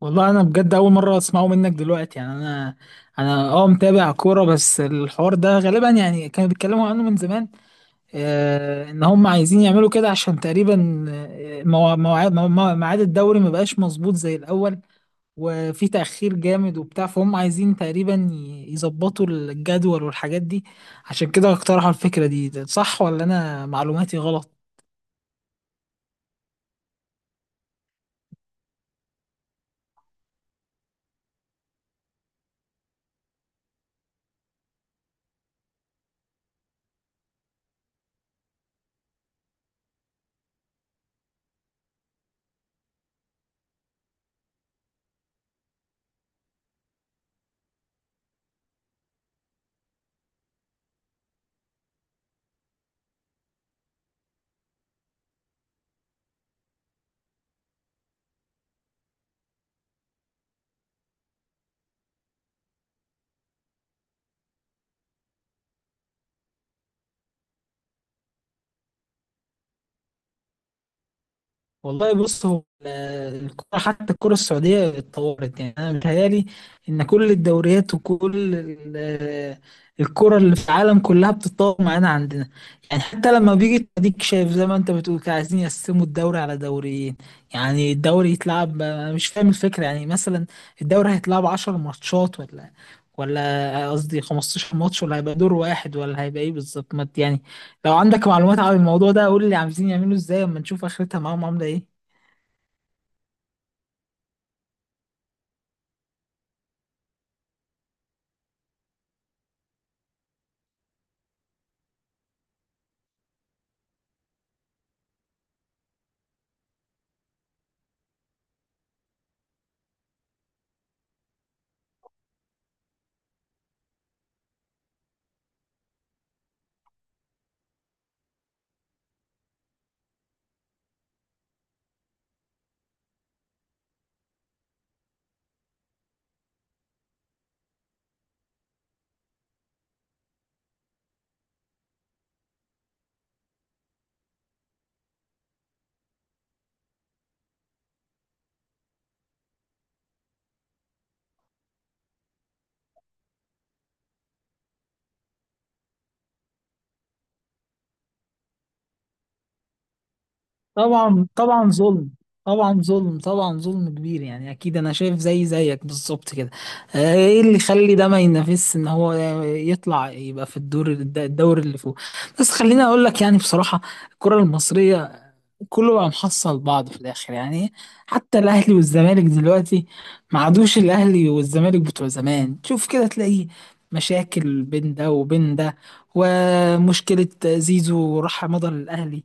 والله انا بجد اول مره اسمعه منك دلوقتي يعني انا متابع كوره. بس الحوار ده غالبا يعني كانوا بيتكلموا عنه من زمان، آه ان هم عايزين يعملوا كده عشان تقريبا مواعيد ميعاد الدوري ما بقاش مظبوط زي الاول، وفي تاخير جامد وبتاع، فهم عايزين تقريبا يظبطوا الجدول والحاجات دي. عشان كده اقترحوا الفكره دي. ده صح ولا انا معلوماتي غلط؟ والله بص، هو الكرة حتى الكرة السعودية اتطورت، يعني أنا متهيألي إن كل الدوريات ال- الكرة اللي في العالم كلها بتتطور معانا عندنا. يعني حتى لما بيجي أديك شايف زي ما أنت بتقول كده، عايزين يقسموا الدوري على دوريين. يعني الدوري يتلعب، أنا مش فاهم الفكرة، يعني مثلا الدوري هيتلعب 10 ماتشات ولا قصدي 15 ماتش، ولا هيبقى دور واحد، ولا هيبقى إيه بالظبط؟ ما ت- يعني لو عندك معلومات عن الموضوع ده قول لي عايزين يعملوا إزاي أما نشوف آخرتها معاهم عاملة إيه. طبعا ظلم، طبعا ظلم، طبعا ظلم كبير، يعني اكيد انا شايف زي زيك بالظبط كده. آه، ايه اللي يخلي ده ما ينافسش، ان هو يطلع يبقى في الدور اللي فوق. بس خليني اقول لك يعني بصراحة، الكرة المصرية كله بقى محصل بعض في الاخر يعني. حتى الاهلي والزمالك دلوقتي ما عادوش الاهلي والزمالك بتوع زمان. تشوف كده تلاقيه مشاكل بين ده وبين ده، ومشكلة زيزو راح مضى للأهلي.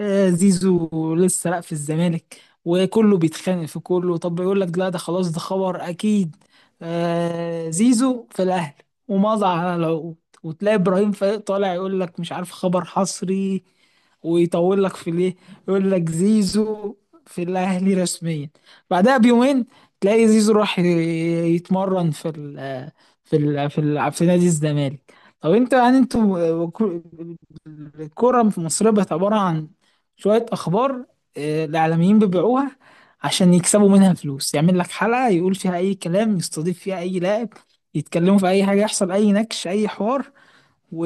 آه، زيزو لسه لا في الزمالك وكله بيتخانق في كله. طب يقول لك لا، ده خلاص، ده خبر اكيد، آه، زيزو في الاهلي ومضى على العقود. وتلاقي ابراهيم فايق طالع يقول لك مش عارف خبر حصري ويطول لك في ليه، يقول لك زيزو في الاهلي رسميا. بعدها بيومين تلاقي زيزو راح يتمرن في نادي الزمالك. طب انت يعني انتوا، الكرة في مصر بقت عبارة عن شوية أخبار، آه، الإعلاميين بيبيعوها عشان يكسبوا منها فلوس. يعمل لك حلقة يقول فيها أي كلام، يستضيف فيها أي لاعب، يتكلموا في أي حاجة، يحصل أي نكش أي حوار، و...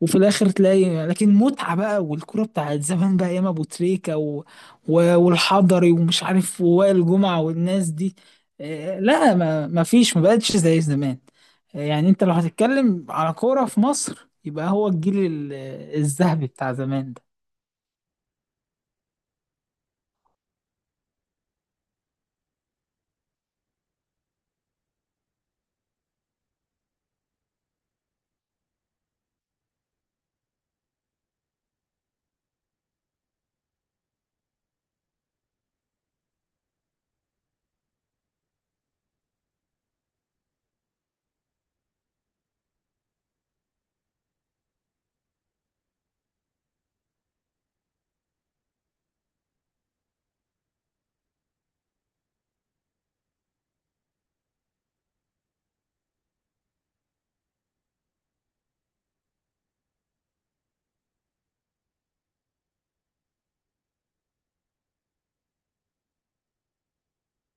وفي الاخر تلاقي لكن متعه بقى، والكوره بتاعت زمان بقى ايام ابو تريكه والحضري ومش عارف ووائل جمعه والناس دي. آه، لا، ما فيش، ما بقتش زي زمان. آه، يعني انت لو هتتكلم على كوره في مصر يبقى هو الذهبي بتاع زمان ده.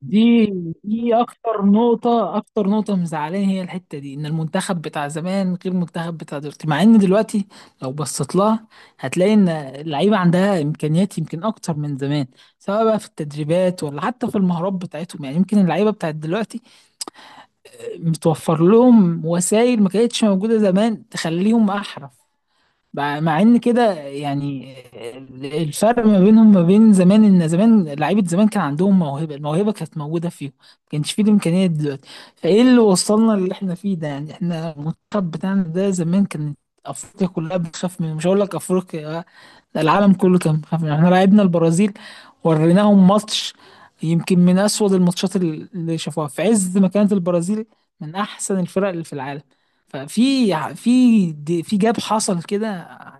دي دي اكتر نقطة، اكتر نقطة مزعلاني هي الحتة دي، ان المنتخب بتاع زمان غير المنتخب بتاع دلوقتي. مع ان دلوقتي لو بصيت لها هتلاقي ان اللعيبة عندها امكانيات يمكن اكتر من زمان، سواء بقى في التدريبات ولا حتى في المهارات بتاعتهم. يعني يمكن اللعيبة بتاعت دلوقتي متوفر لهم وسائل ما كانتش موجودة زمان تخليهم احرف، مع ان كده يعني. الفرق ما بينهم ما بين زمان ان زمان لعيبه زمان كان عندهم موهبه، الموهبه كانت موجوده فيهم، ما كانش فيه الامكانيات دلوقتي. فايه اللي وصلنا اللي احنا فيه ده يعني؟ احنا المنتخب بتاعنا ده زمان كانت افريقيا كلها بتخاف منه، مش هقول لك افريقيا، ده العالم كله كان خايف مننا. احنا لعبنا البرازيل وريناهم ماتش يمكن من اسود اللي شافوها في عز ما كانت البرازيل من احسن الفرق اللي في العالم. في جاب حصل كده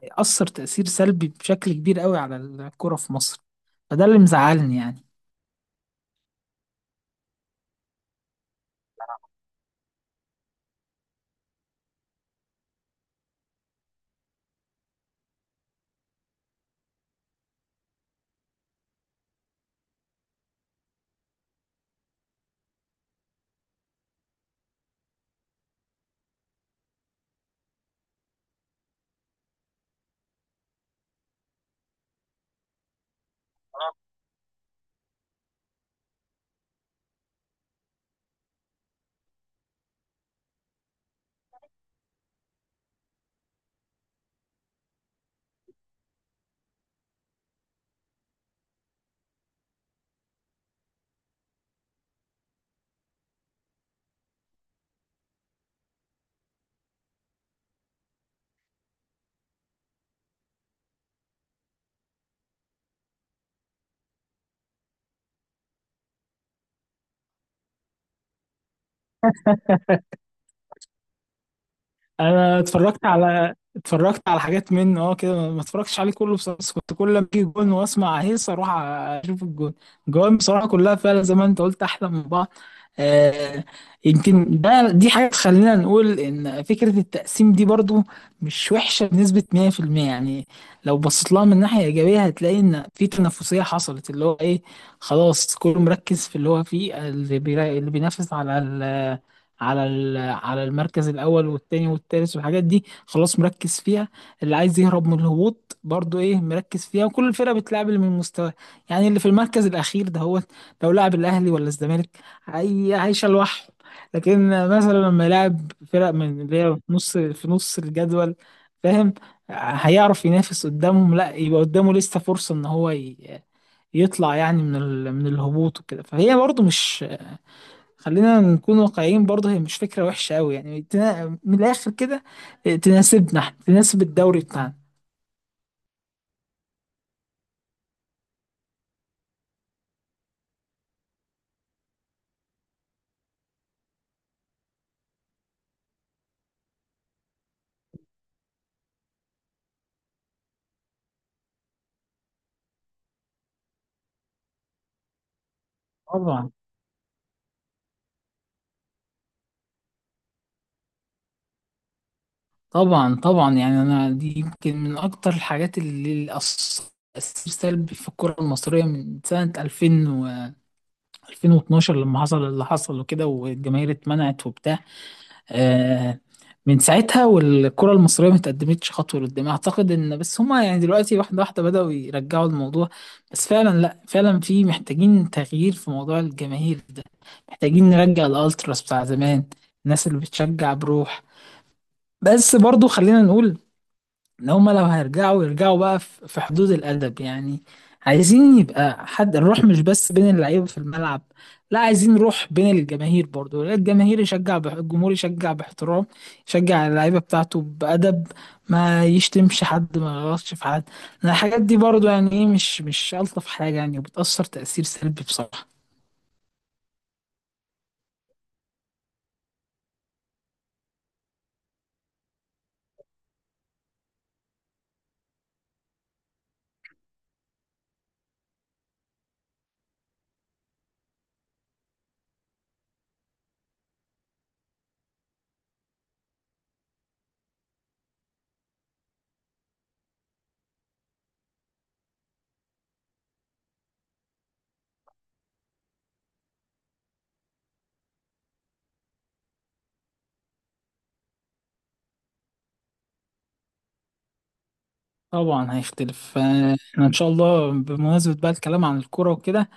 هيأثر تأثير سلبي بشكل كبير قوي على الكرة في مصر. فده اللي مزعلني يعني. انا اتفرجت على حاجات منه اه كده، ما اتفرجتش عليه كله بصراحه، بس كنت كل ما اجي جون واسمع هيص اروح اشوف الجون. الجوان بصراحه كلها فعلا زي ما انت قلت احلى من بعض. آه، يمكن ده دي حاجه تخلينا نقول ان فكره التقسيم دي برضو مش وحشه بنسبه 100%. يعني لو بصيت لها من ناحيه ايجابيه هتلاقي ان في تنافسيه حصلت، اللي هو ايه، خلاص كله مركز في اللي هو فيه. اللي بينافس على على المركز الاول والتاني والتالت والحاجات دي خلاص مركز فيها. اللي عايز يهرب من الهبوط برضو ايه مركز فيها، وكل الفرق بتلعب اللي من مستواه. يعني اللي في المركز الاخير ده هو لو لعب الاهلي ولا الزمالك هي عايشه لوحده. لكن مثلا لما يلعب فرق من اللي هي في نص الجدول، فاهم، هيعرف ينافس قدامهم. لا يبقى قدامه لسه فرصه ان هو يطلع يعني من الهبوط وكده. فهي برضو مش، خلينا نكون واقعيين برضه، هي مش فكرة وحشة أوي يعني. من الآخر كده، آه، تناسبنا احنا، تناسب الدوري بتاعنا. طبعا طبعا، طبعا، يعني أنا دي يمكن من أكتر الحاجات اللي أثرت تأثير سلبي في الكرة المصرية. من سنة 2000 و 2012 لما حصل اللي حصل وكده والجماهير اتمنعت وبتاع، آه، من ساعتها والكرة المصرية ما تقدمتش خطوة لقدام. أعتقد إن بس هما يعني دلوقتي واحدة واحدة بدأوا يرجعوا الموضوع، بس فعلا، لأ فعلا، في محتاجين تغيير في موضوع الجماهير ده. محتاجين نرجع الألتراس بتاع زمان، الناس اللي بتشجع بروح. بس برضو خلينا نقول ان هما لو هيرجعوا يرجعوا بقى في حدود الادب يعني. عايزين يبقى حد الروح مش بس بين اللعيبه في الملعب، لا عايزين روح بين الجماهير برضو. لا، الجماهير يشجع الجمهور يشجع باحترام، يشجع اللعيبه بتاعته بادب، ما يشتمش حد، ما يغلطش في حد. لأن الحاجات دي برضو يعني ايه مش، مش الطف حاجه يعني، وبتاثر تاثير سلبي بصراحه. طبعا هيختلف. آه، احنا ان شاء الله بمناسبه بقى الكلام عن الكوره وكده،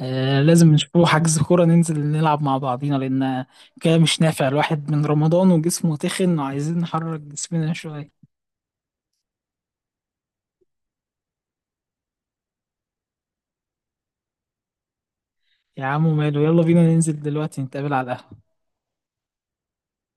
آه لازم نشوفه حجز كورة ننزل نلعب مع بعضينا، لأن كده مش نافع، الواحد من رمضان وجسمه تخن وعايزين نحرك جسمنا شوية. يا عم ماله، يلا بينا ننزل دلوقتي نتقابل على القهوة.